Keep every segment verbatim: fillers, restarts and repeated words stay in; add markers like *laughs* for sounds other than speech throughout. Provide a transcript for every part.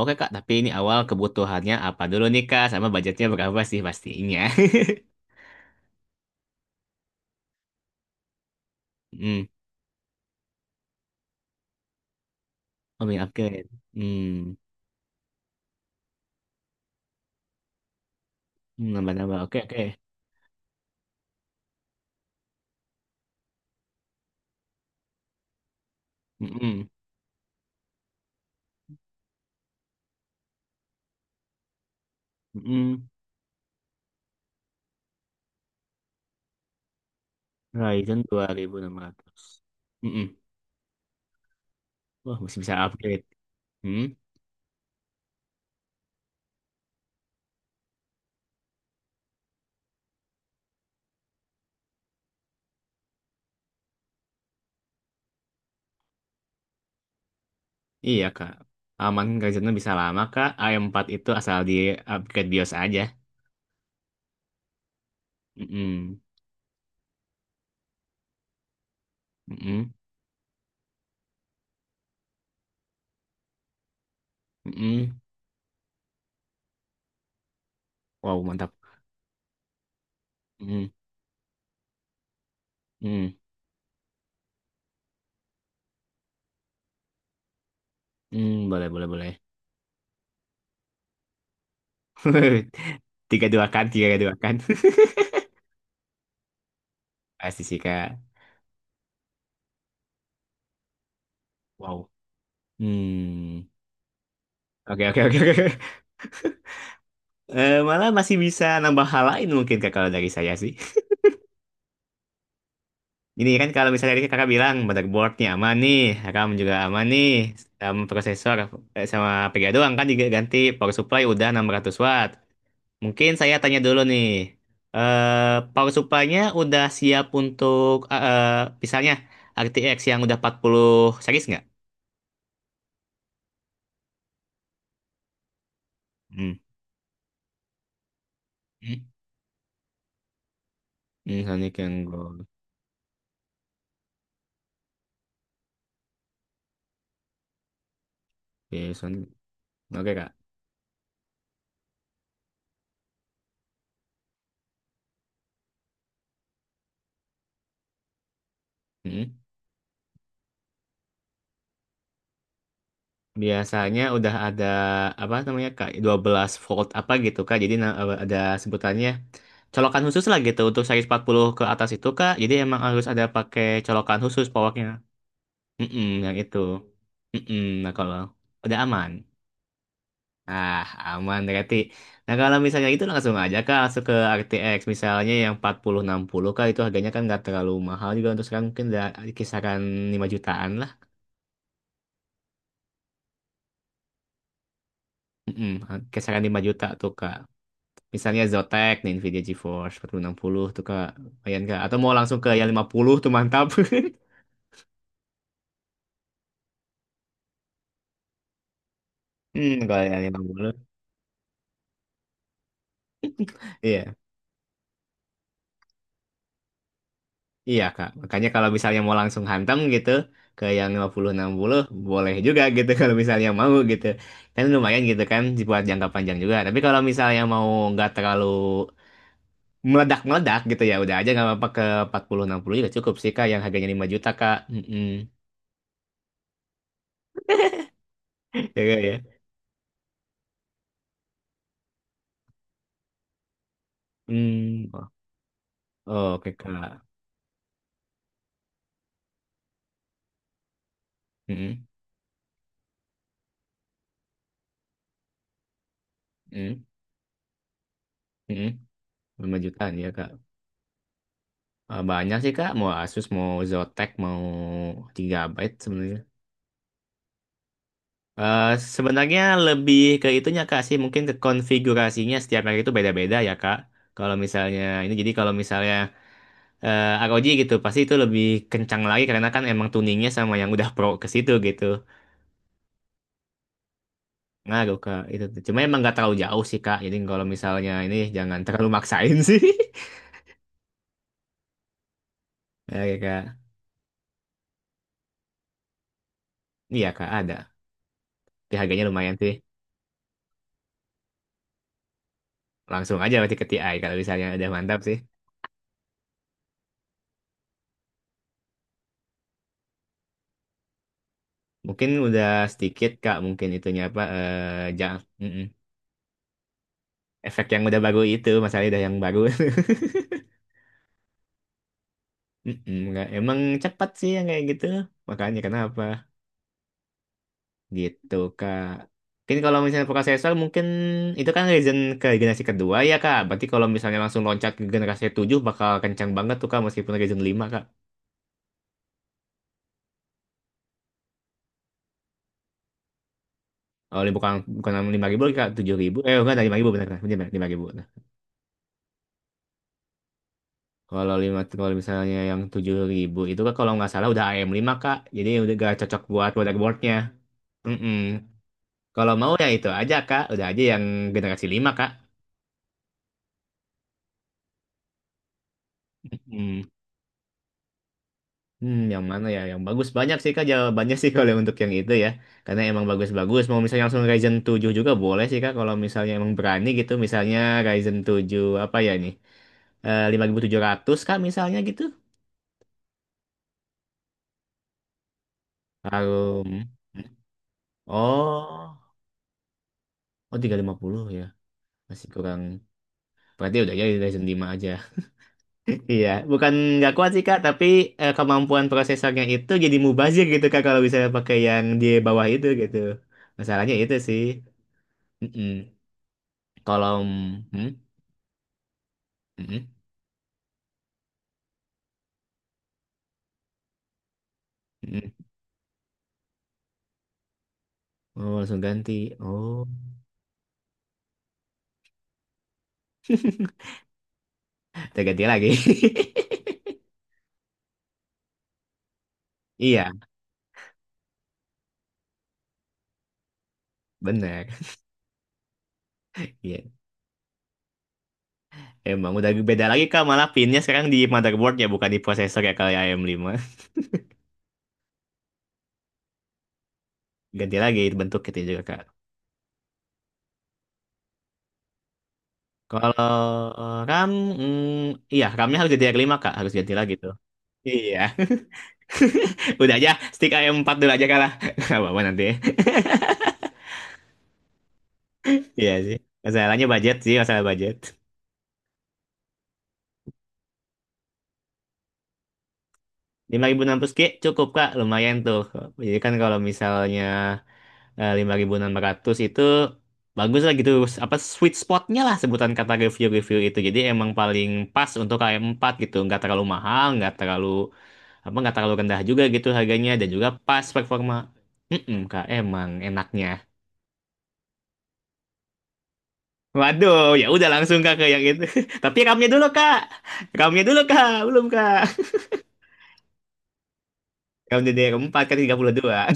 Oke Kak, tapi ini awal kebutuhannya apa dulu nih Kak, sama budgetnya berapa sih pastinya. *laughs* Hmm. Oh mie upgrade. Hmm. Hmm, nambah-nambah. Oke, oke. Hmm, hmm, Ryzen dua ribu enam ratus. Hmm, Wah, masih bisa upgrade. Hmm, iya, Kak. Aman Ryzennya bisa lama Kak. AM empat itu asal di upgrade BIOS aja. Hmm, hmm, hmm, Wow, mantap. Hmm, hmm, hmm, Boleh, boleh, boleh. *laughs* Tiga dua kan, tiga dua kan. *laughs* Pasti sih Kak. Wow. Hmm. Oke, oke, oke, oke. Eh, malah masih bisa nambah hal lain mungkin Kak kalau dari saya sih. Ini kan kalau misalnya tadi Kakak bilang motherboardnya aman nih, RAM juga aman nih, sama prosesor, eh, sama V G A doang kan diganti, power supply udah enam ratus watt. Mungkin saya tanya dulu nih. Eh, power supply-nya udah siap untuk, eh, eh, misalnya R T X yang udah empat puluh series nggak? Hmm. Hmm, Sonic yang gold. Oke, Sonic. Oke, Kak. Biasanya udah ada apa namanya Kak, dua belas volt apa gitu Kak. Jadi na- ada sebutannya, colokan khusus lah gitu untuk seri empat puluh ke atas itu Kak. Jadi emang harus ada pakai colokan khusus powernya. Mm-mm, yang itu. Mm-mm, nah kalau udah aman. Ah, aman berarti. Nah, kalau misalnya itu langsung aja Kak, langsung ke R T X misalnya yang empat ribu enam puluh Kak, itu harganya kan nggak terlalu mahal juga untuk sekarang, mungkin udah kisaran lima jutaan lah. Mm-mm, kisaran lima juta tuh Kak. Misalnya Zotac, nih Nvidia GeForce empat ribu enam puluh tuh Kak. Lumayan Kak. Atau mau langsung ke yang lima puluh tuh, mantap. *laughs* Hmm, kalau yang lima puluh, iya. Iya, Kak. Makanya kalau misalnya mau langsung hantam gitu ke yang lima puluh enam puluh, boleh juga gitu, *laughs* kalau misalnya mau gitu. Kan lumayan gitu kan, buat jangka panjang juga. Tapi kalau misalnya mau nggak terlalu meledak-meledak gitu, ya udah aja nggak apa-apa, ke empat puluh enam puluh juga cukup sih Kak, yang harganya lima juta Kak. Mm-mm. *laughs* Ya, Kak, ya. Hmm. Oh, oke Kak. Mm-mm. Mm-mm. Mm-mm. Lima jutaan ya kak. Eh, banyak sih kak, mau Asus, mau Zotac, mau Gigabyte sebenarnya. Eh, sebenarnya lebih ke itunya kak sih, mungkin ke konfigurasinya, setiap merek itu beda-beda ya kak, kalau misalnya ini, jadi kalau misalnya eh, ROG gitu pasti itu lebih kencang lagi, karena kan emang tuningnya sama yang udah pro ke situ gitu. Ngaruh kak, itu cuma emang nggak terlalu jauh sih kak, jadi kalau misalnya ini jangan terlalu maksain sih. *laughs* Ya kak. Iya kak, ada. Tapi harganya lumayan sih, langsung aja berarti ke TI kalau misalnya udah mantap sih. Mungkin udah sedikit Kak, mungkin itunya apa, eh ja- mm-mm. Efek yang udah baru itu, masalahnya udah yang baru. *laughs* Mm-mm, nggak- emang cepat sih yang kayak gitu. Makanya kenapa? Gitu Kak. Mungkin kalau misalnya prosesor, mungkin itu kan Ryzen ke generasi kedua ya Kak. Berarti kalau misalnya langsung loncat ke generasi tujuh bakal kencang banget tuh Kak, meskipun Ryzen lima Kak. Oh, bukan bukan lima ribu Kak, tujuh ribu. Eh, enggak, lima ribu benar kan? Benar lima ribu. Kalau lima, kalau misalnya yang tujuh ribu itu kan kalau nggak salah udah A M lima kak, jadi udah gak cocok buat motherboardnya. Mm-mm. Kalau mau ya itu aja kak, udah aja yang generasi lima kak. Mm. Hmm, yang mana ya? Yang bagus banyak sih kak, jawabannya sih. *laughs* Kalau untuk yang itu ya, karena emang bagus-bagus. Mau misalnya langsung Ryzen tujuh juga boleh sih kak, kalau misalnya emang berani gitu, misalnya Ryzen tujuh apa ya nih? Eh, lima ribu tujuh ratus kak misalnya gitu. Harum. Oh, oh tiga ratus lima puluh ya. Masih kurang. Berarti udah ya, Ryzen lima aja. *laughs* Iya, bukan nggak kuat sih Kak, tapi eh, kemampuan prosesornya itu jadi mubazir gitu Kak, kalau bisa pakai yang di bawah itu gitu. Masalahnya itu sih. Mm-mm. Kalau, hmm? Mm-mm. Mm-mm. Oh, langsung ganti. Oh, terganti lagi. *laughs* Iya, bener. Iya. Emang udah beda lagi Kak, malah pinnya sekarang di motherboard ya, bukan di prosesor ya, kalau A M lima. Ganti lagi bentuk gitu juga Kak. Kalau eh, RAM, mm, iya, RAM-nya harus jadi R lima Kak, harus ganti lagi tuh. Iya. *laughs* Udah aja stick ayam empat dulu aja kalah. *laughs* Gak apa-apa nanti. *laughs* Iya sih. Masalahnya budget sih, masalah budget. lima ribu enam ratus Ki cukup Kak, lumayan tuh. Jadi kan kalau misalnya eh, lima ribu enam ratus itu bagus lah gitu. Apa sweet spotnya lah sebutan kata review-review itu. Jadi emang paling pas untuk ayam empat gitu. Nggak terlalu mahal, nggak terlalu apa, nggak terlalu rendah juga gitu harganya, dan juga pas performa. Mm-mm, Kak, emang enaknya. Waduh, ya udah langsung kak ke yang itu. *laughs* Tapi ramnya dulu kak, ramnya dulu kak, belum kak. Ram D D R empat kan, tiga puluh dua.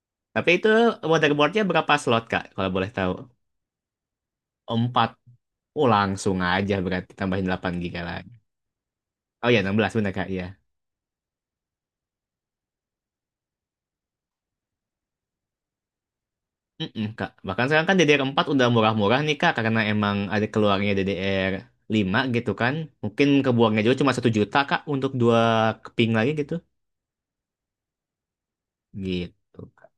*laughs* Tapi itu motherboardnya berapa slot kak, kalau boleh tahu? Empat. Oh, langsung aja berarti tambahin delapan giga lagi. Oh ya, enam belas bener kak, iya. Mm-mm, kak. Bahkan sekarang kan D D R empat udah murah-murah nih kak, karena emang ada keluarnya D D R lima gitu kan. Mungkin kebuangnya juga cuma satu juta kak untuk dua keping lagi gitu. Gitu, Kak.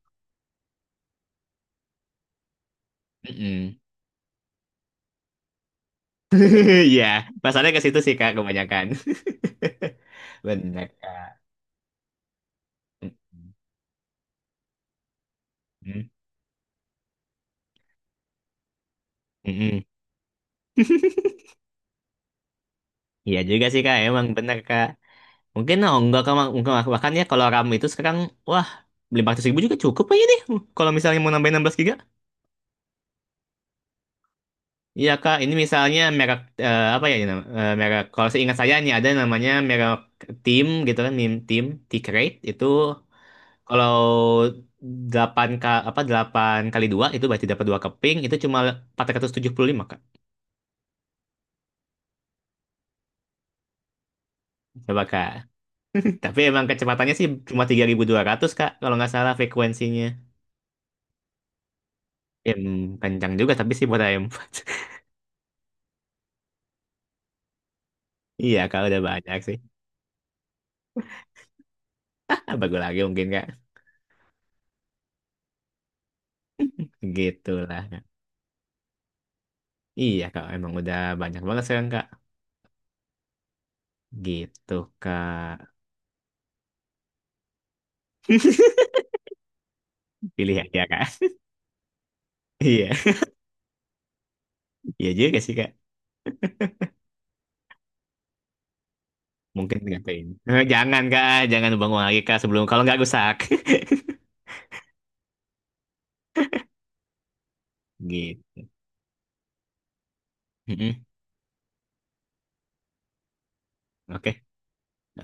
Mm-mm. *laughs* Iya, pasarnya ke situ sih Kak kebanyakan. *laughs* Benar Kak. Mm-mm. Mm-mm. Iya juga sih Kak, emang benar Kak. Mungkin oh, enggak Kak, mak- mungkin bahkan ya kalau RAM itu sekarang, wah, lima ratus ribu juga cukup aja nih. hmm, Kalau misalnya mau nambahin enam belas giga. Iya Kak, ini misalnya merek, eh, apa ya ini nama, eh, merek, kalau seingat saya ini ada namanya merek Tim gitu kan, Mim Tim, T-Crate, itu kalau delapan K, apa delapan kali dua itu berarti dapat dua keping, itu cuma empat ratus tujuh puluh lima Kak. Coba Kak. *laughs* Tapi emang kecepatannya sih cuma tiga ribu dua ratus Kak, kalau nggak salah frekuensinya. Em, Kencang juga tapi sih buat A M empat. *laughs* Iya Kak, udah banyak sih. *laughs* Bagus lagi mungkin Kak. Gitulah, Kak. Iya Kak, emang udah banyak banget sekarang Kak. Gitu Kak. Pilih aja Kak. *laughs* Iya, iya juga sih Kak. Mungkin ngapain. Eh, jangan Kak, jangan bangun lagi Kak sebelum kalau nggak rusak. *laughs* Gitu. Mm-mm. Oke.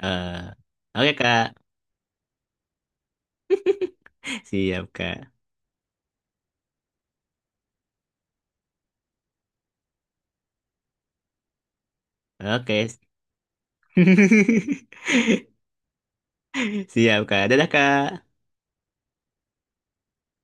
Eh, oke Kak. Siap Kak. Oke. *laughs* Siap, Kak. Dadah, Kak.